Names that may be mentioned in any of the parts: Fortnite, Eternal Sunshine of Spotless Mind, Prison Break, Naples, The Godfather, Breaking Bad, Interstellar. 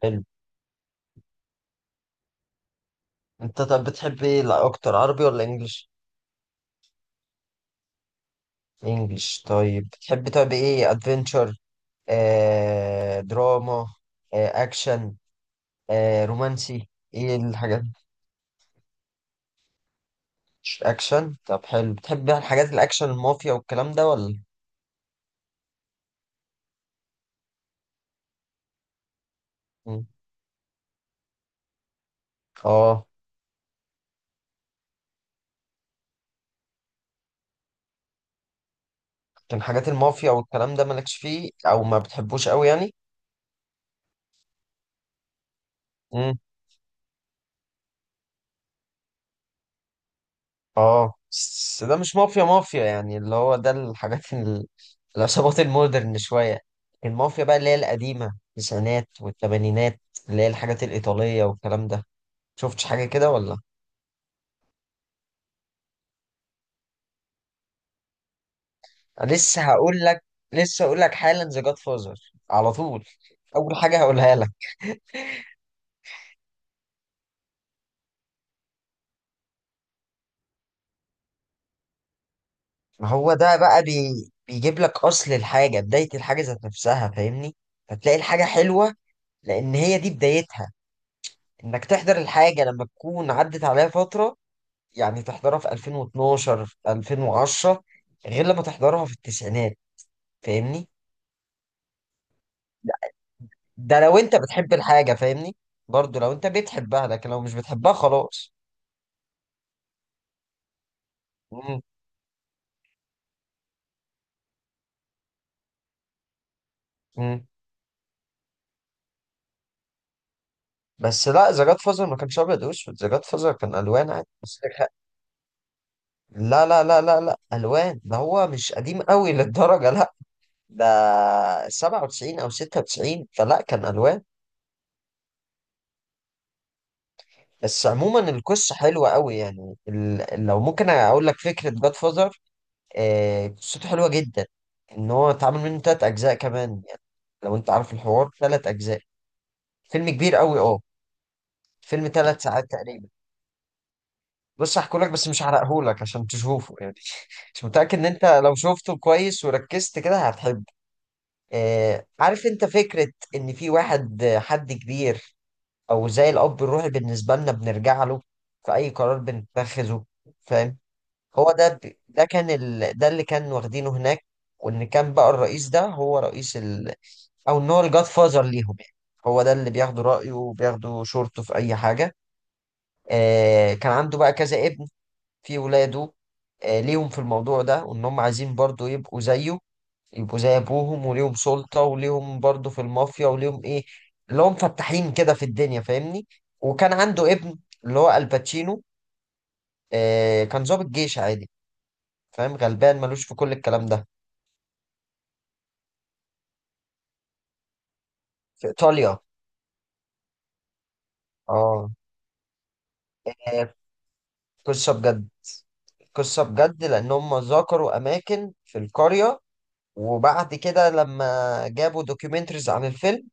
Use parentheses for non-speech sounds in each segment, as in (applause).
حلو. انت طب بتحب ايه، لا اكتر عربي ولا انجليش؟ انجليش، طيب بتحب طب ايه، ادفنتشر؟ آه دراما؟ آه اكشن؟ آه رومانسي؟ ايه الحاجات؟ اكشن، طب حلو. بتحب بقى الحاجات الاكشن المافيا والكلام ده ولا؟ مم. اه. كان حاجات المافيا والكلام ده مالكش فيه او ما بتحبوش قوي يعني؟ اه بس ده مش مافيا مافيا، يعني اللي هو ده الحاجات العصابات المودرن شوية. المافيا بقى اللي هي القديمة، التسعينات والثمانينات، اللي هي الحاجات الإيطالية والكلام ده. شفتش حاجة كده ولا؟ أنا لسه هقول لك، لسه هقول لك حالا ذا جاد فازر على طول، أول حاجة هقولها لك. ما هو ده بقى بيجيب لك أصل الحاجة، بداية الحاجة ذات نفسها، فاهمني. فتلاقي الحاجة حلوة لأن هي دي بدايتها. إنك تحضر الحاجة لما تكون عدت عليها فترة، يعني تحضرها في 2012 في 2010، غير لما تحضرها في التسعينات، فاهمني. ده لو انت بتحب الحاجة، فاهمني، برضو لو انت بتحبها، لكن لو مش بتحبها خلاص. مم. مم. بس لا، ذا جاد فازر ما كانش ابيض واسود، ذا جاد فازر كان الوان عادي، بس لا لا لا لا لا، الوان. ده هو مش قديم قوي (laughs) للدرجة، لا. ده 97 او 96، فلا كان الوان. بس عموما القصة حلوة قوي، يعني لو ممكن اقول لك فكرة جاد فازر. قصته حلوة جدا. ان هو اتعمل منه تلات اجزاء كمان يعني، لو انت عارف، الحوار تلات اجزاء. فيلم كبير قوي، اه. فيلم تلات ساعات تقريبا. بص هحكوا لك بس مش هحرقهولك عشان تشوفه يعني. مش متأكد ان انت لو شفته كويس وركزت كده هتحب. آه عارف انت فكرة ان في واحد، حد كبير، او زي الاب الروحي بالنسبة لنا بنرجع له في اي قرار بنتخذه، فاهم؟ هو ده. ده كان ده اللي كان واخدينه هناك، وان كان بقى الرئيس ده هو رئيس او ان هو الجاد فازر ليهم يعني. هو ده اللي بياخدوا رايه وبياخدوا شورته في اي حاجه. آه كان عنده بقى كذا ابن، في ولاده، ليهم في الموضوع ده، وان هم عايزين برضو يبقوا زيه، يبقوا زي ابوهم وليهم سلطه وليهم برضو في المافيا وليهم ايه، اللي هم فتاحين كده في الدنيا، فاهمني. وكان عنده ابن، اللي هو الباتشينو، آه كان ضابط جيش عادي، فاهم، غلبان ملوش في كل الكلام ده. في ايطاليا. اه. آه، قصه بجد. قصة بجد، لأن هم ذكروا أماكن في القرية، وبعد كده لما جابوا دوكيومنتريز عن الفيلم،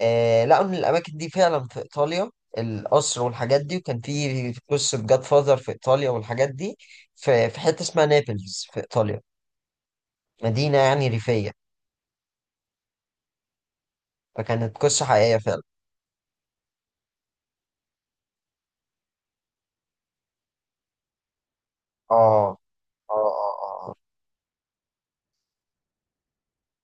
آه لقوا إن الأماكن دي فعلا في إيطاليا، القصر والحاجات دي، وكان في قصة جاد فاذر في إيطاليا والحاجات دي، في حتة اسمها نابلز في إيطاليا، مدينة يعني ريفية. فكانت قصة حقيقية فعلا. آه آه آه آه.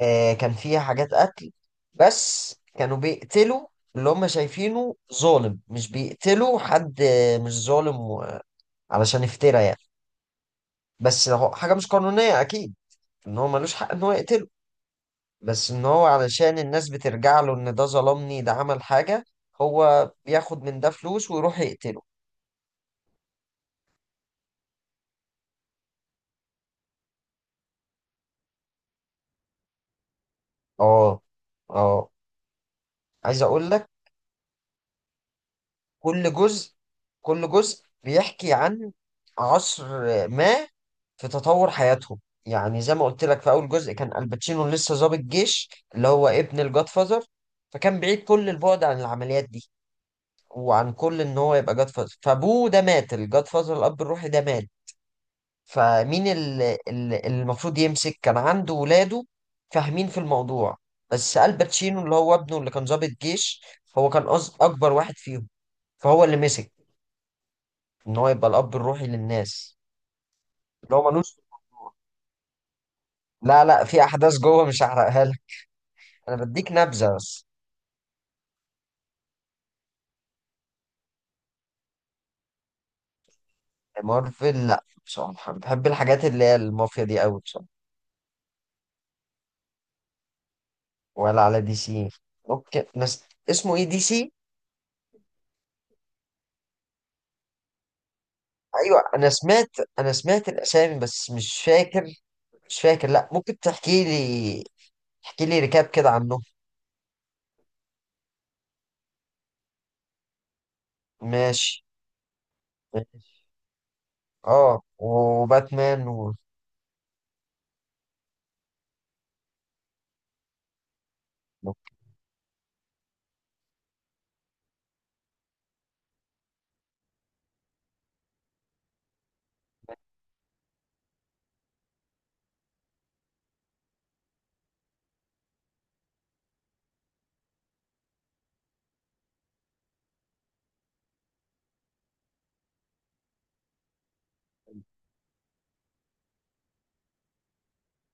كان فيها حاجات قتل، بس كانوا بيقتلوا اللي هم شايفينه ظالم، مش بيقتلوا حد مش ظالم، علشان يفترى يعني. بس هو حاجة مش قانونية أكيد، إن هو ملوش حق إن هو يقتله. بس إن هو علشان الناس بترجع له إن ده ظلمني ده عمل حاجة، هو بياخد من ده فلوس ويروح يقتله. آه. آه. عايز أقول لك، كل جزء، كل جزء بيحكي عن عصر ما في تطور حياتهم. يعني زي ما قلت لك، في أول جزء كان الباتشينو لسه ضابط جيش، اللي هو ابن الجاد فازر، فكان بعيد كل البعد عن العمليات دي، وعن كل ان هو يبقى جاد فازر. فابوه ده مات، الجاد فازر الاب الروحي ده مات، فمين اللي المفروض يمسك؟ كان عنده ولاده فاهمين في الموضوع، بس الباتشينو اللي هو ابنه، اللي كان ضابط جيش، هو كان اكبر واحد فيهم، فهو اللي مسك ان هو يبقى الاب الروحي للناس. اللي هو ملوش. لا لا، في احداث جوه مش هحرقها لك، انا بديك نبذه بس. مارفل لا، بصراحه بحب الحاجات اللي هي المافيا دي قوي بصراحه. ولا على دي سي. اوكي بس اسمه ايه دي سي؟ ايوه انا سمعت، انا سمعت الاسامي بس مش فاكر، مش فاكر، لا ممكن تحكي لي، تحكي لي ركاب كده عنه. ماشي. ماشي. اه، وباتمان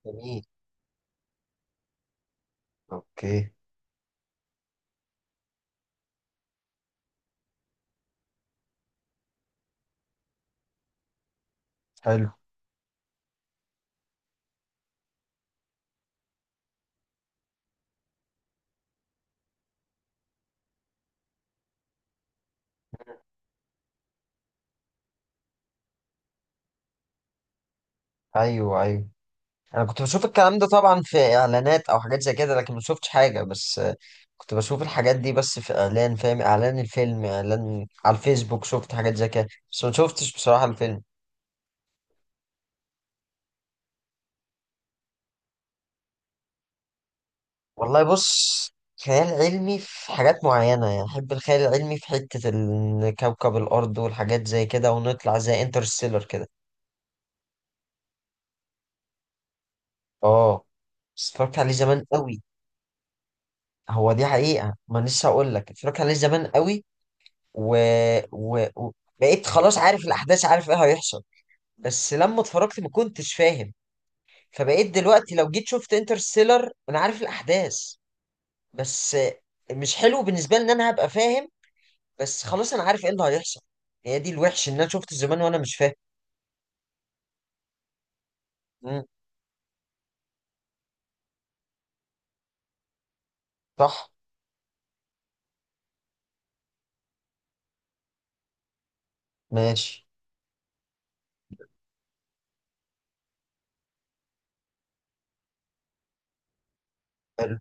جميل. اوكي. حلو. ايوه ايوه، انا كنت بشوف الكلام ده طبعا في اعلانات او حاجات زي كده، لكن ما شفتش حاجه، بس كنت بشوف الحاجات دي بس في اعلان، فاهم، اعلان الفيلم، اعلان على الفيسبوك، شفت حاجات زي كده بس ما شفتش بصراحه الفيلم. والله بص، خيال علمي في حاجات معينة يعني، أحب الخيال العلمي في حتة كوكب الأرض والحاجات زي كده، ونطلع زي انترستيلر كده. اه بس اتفرجت عليه زمان قوي. هو دي حقيقة، ما أنا لسه هقول لك اتفرجت عليه زمان قوي، و... و... و... بقيت خلاص عارف الأحداث، عارف إيه هيحصل. بس لما اتفرجت ما كنتش فاهم، فبقيت دلوقتي لو جيت شفت انترستيلر أنا عارف الأحداث. بس مش حلو بالنسبة لي إن أنا هبقى فاهم، بس خلاص انا عارف ايه اللي هيحصل. هي دي الوحش، ان انا شفته زمان وانا مش فاهم. مم. صح. ماشي. حلو.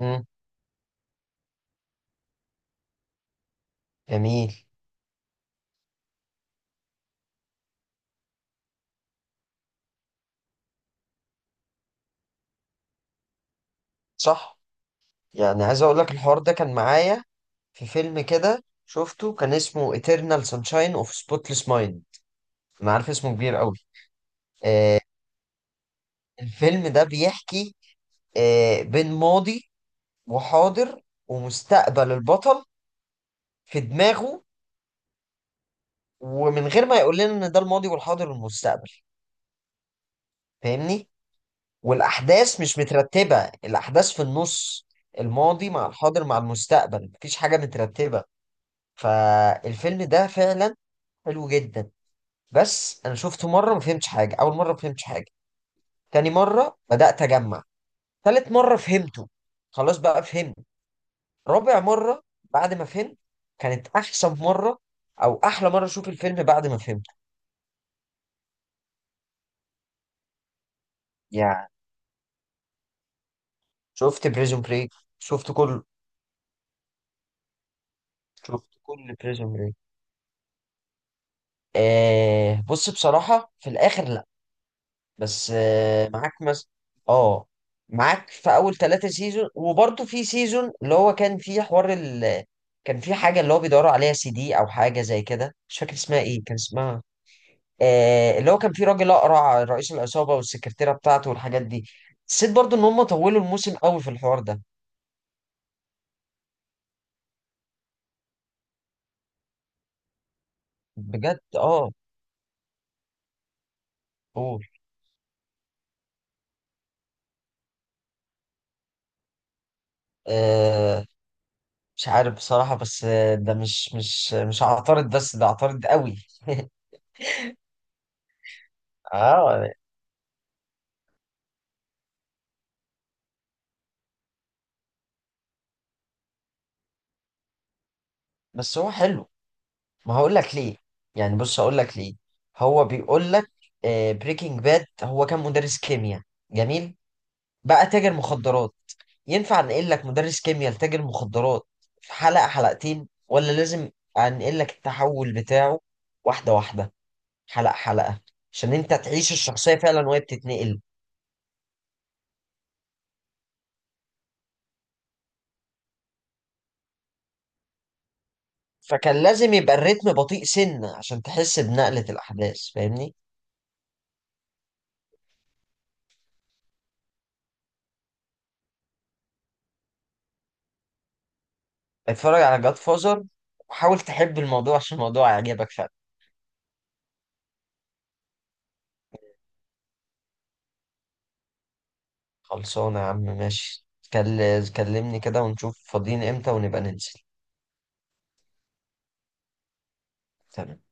مم. جميل. صح. يعني عايز اقول لك الحوار ده كان معايا في فيلم كده شفته، كان اسمه Eternal Sunshine of Spotless Mind. انا عارف اسمه كبير قوي. آه، الفيلم ده بيحكي آه بين ماضي وحاضر ومستقبل البطل في دماغه، ومن غير ما يقول لنا ان ده الماضي والحاضر والمستقبل، فاهمني. والاحداث مش مترتبه، الاحداث في النص، الماضي مع الحاضر مع المستقبل، مفيش حاجه مترتبه. فالفيلم ده فعلا حلو جدا. بس انا شفته مره ما فهمتش حاجه، اول مره ما فهمتش حاجه، تاني مره بدات اجمع، تالت مره فهمته، خلاص بقى فهمت، رابع مره بعد ما فهمت، كانت احسن مره، او احلى مره اشوف الفيلم بعد ما فهمته. يعني، شفت بريزون بريك، شفت كله. شفت كل بريزون بريك. آه بص، بصراحة في الآخر، بس معاك مثلا، اه، معاك في اول ثلاثة سيزون، وبرضه في سيزون اللي هو كان فيه حوار كان في حاجة اللي هو بيدوروا عليها، سي دي او حاجة زي كده، مش فاكر اسمها ايه كان اسمها. آه اللي هو كان في راجل اقرع رئيس العصابة، والسكرتيرة بتاعته والحاجات دي. حسيت برضه ان هم طولوا الموسم قوي في الحوار ده. بجد، اه. قول. آه، مش عارف بصراحة، بس ده مش هعترض، بس ده اعترض قوي. (laughs) اه بس هو حلو، ما هقول لك ليه، يعني بص هقول لك ليه. هو بيقول لك، بريكنج باد هو كان مدرس كيمياء، جميل، بقى تاجر مخدرات. ينفع انقل لك مدرس كيمياء لتاجر مخدرات في حلقة حلقتين، ولا لازم انقل لك التحول بتاعه واحدة واحدة، حلقة حلقة، عشان انت تعيش الشخصية فعلا وهي بتتنقل؟ فكان لازم يبقى الريتم بطيء سنة عشان تحس بنقلة الأحداث، فاهمني. اتفرج على جاد فازر، وحاول تحب الموضوع عشان الموضوع يعجبك فعلا. خلصانة يا عم، ماشي. كلمني كده ونشوف فاضيين امتى ونبقى ننزل. تمام.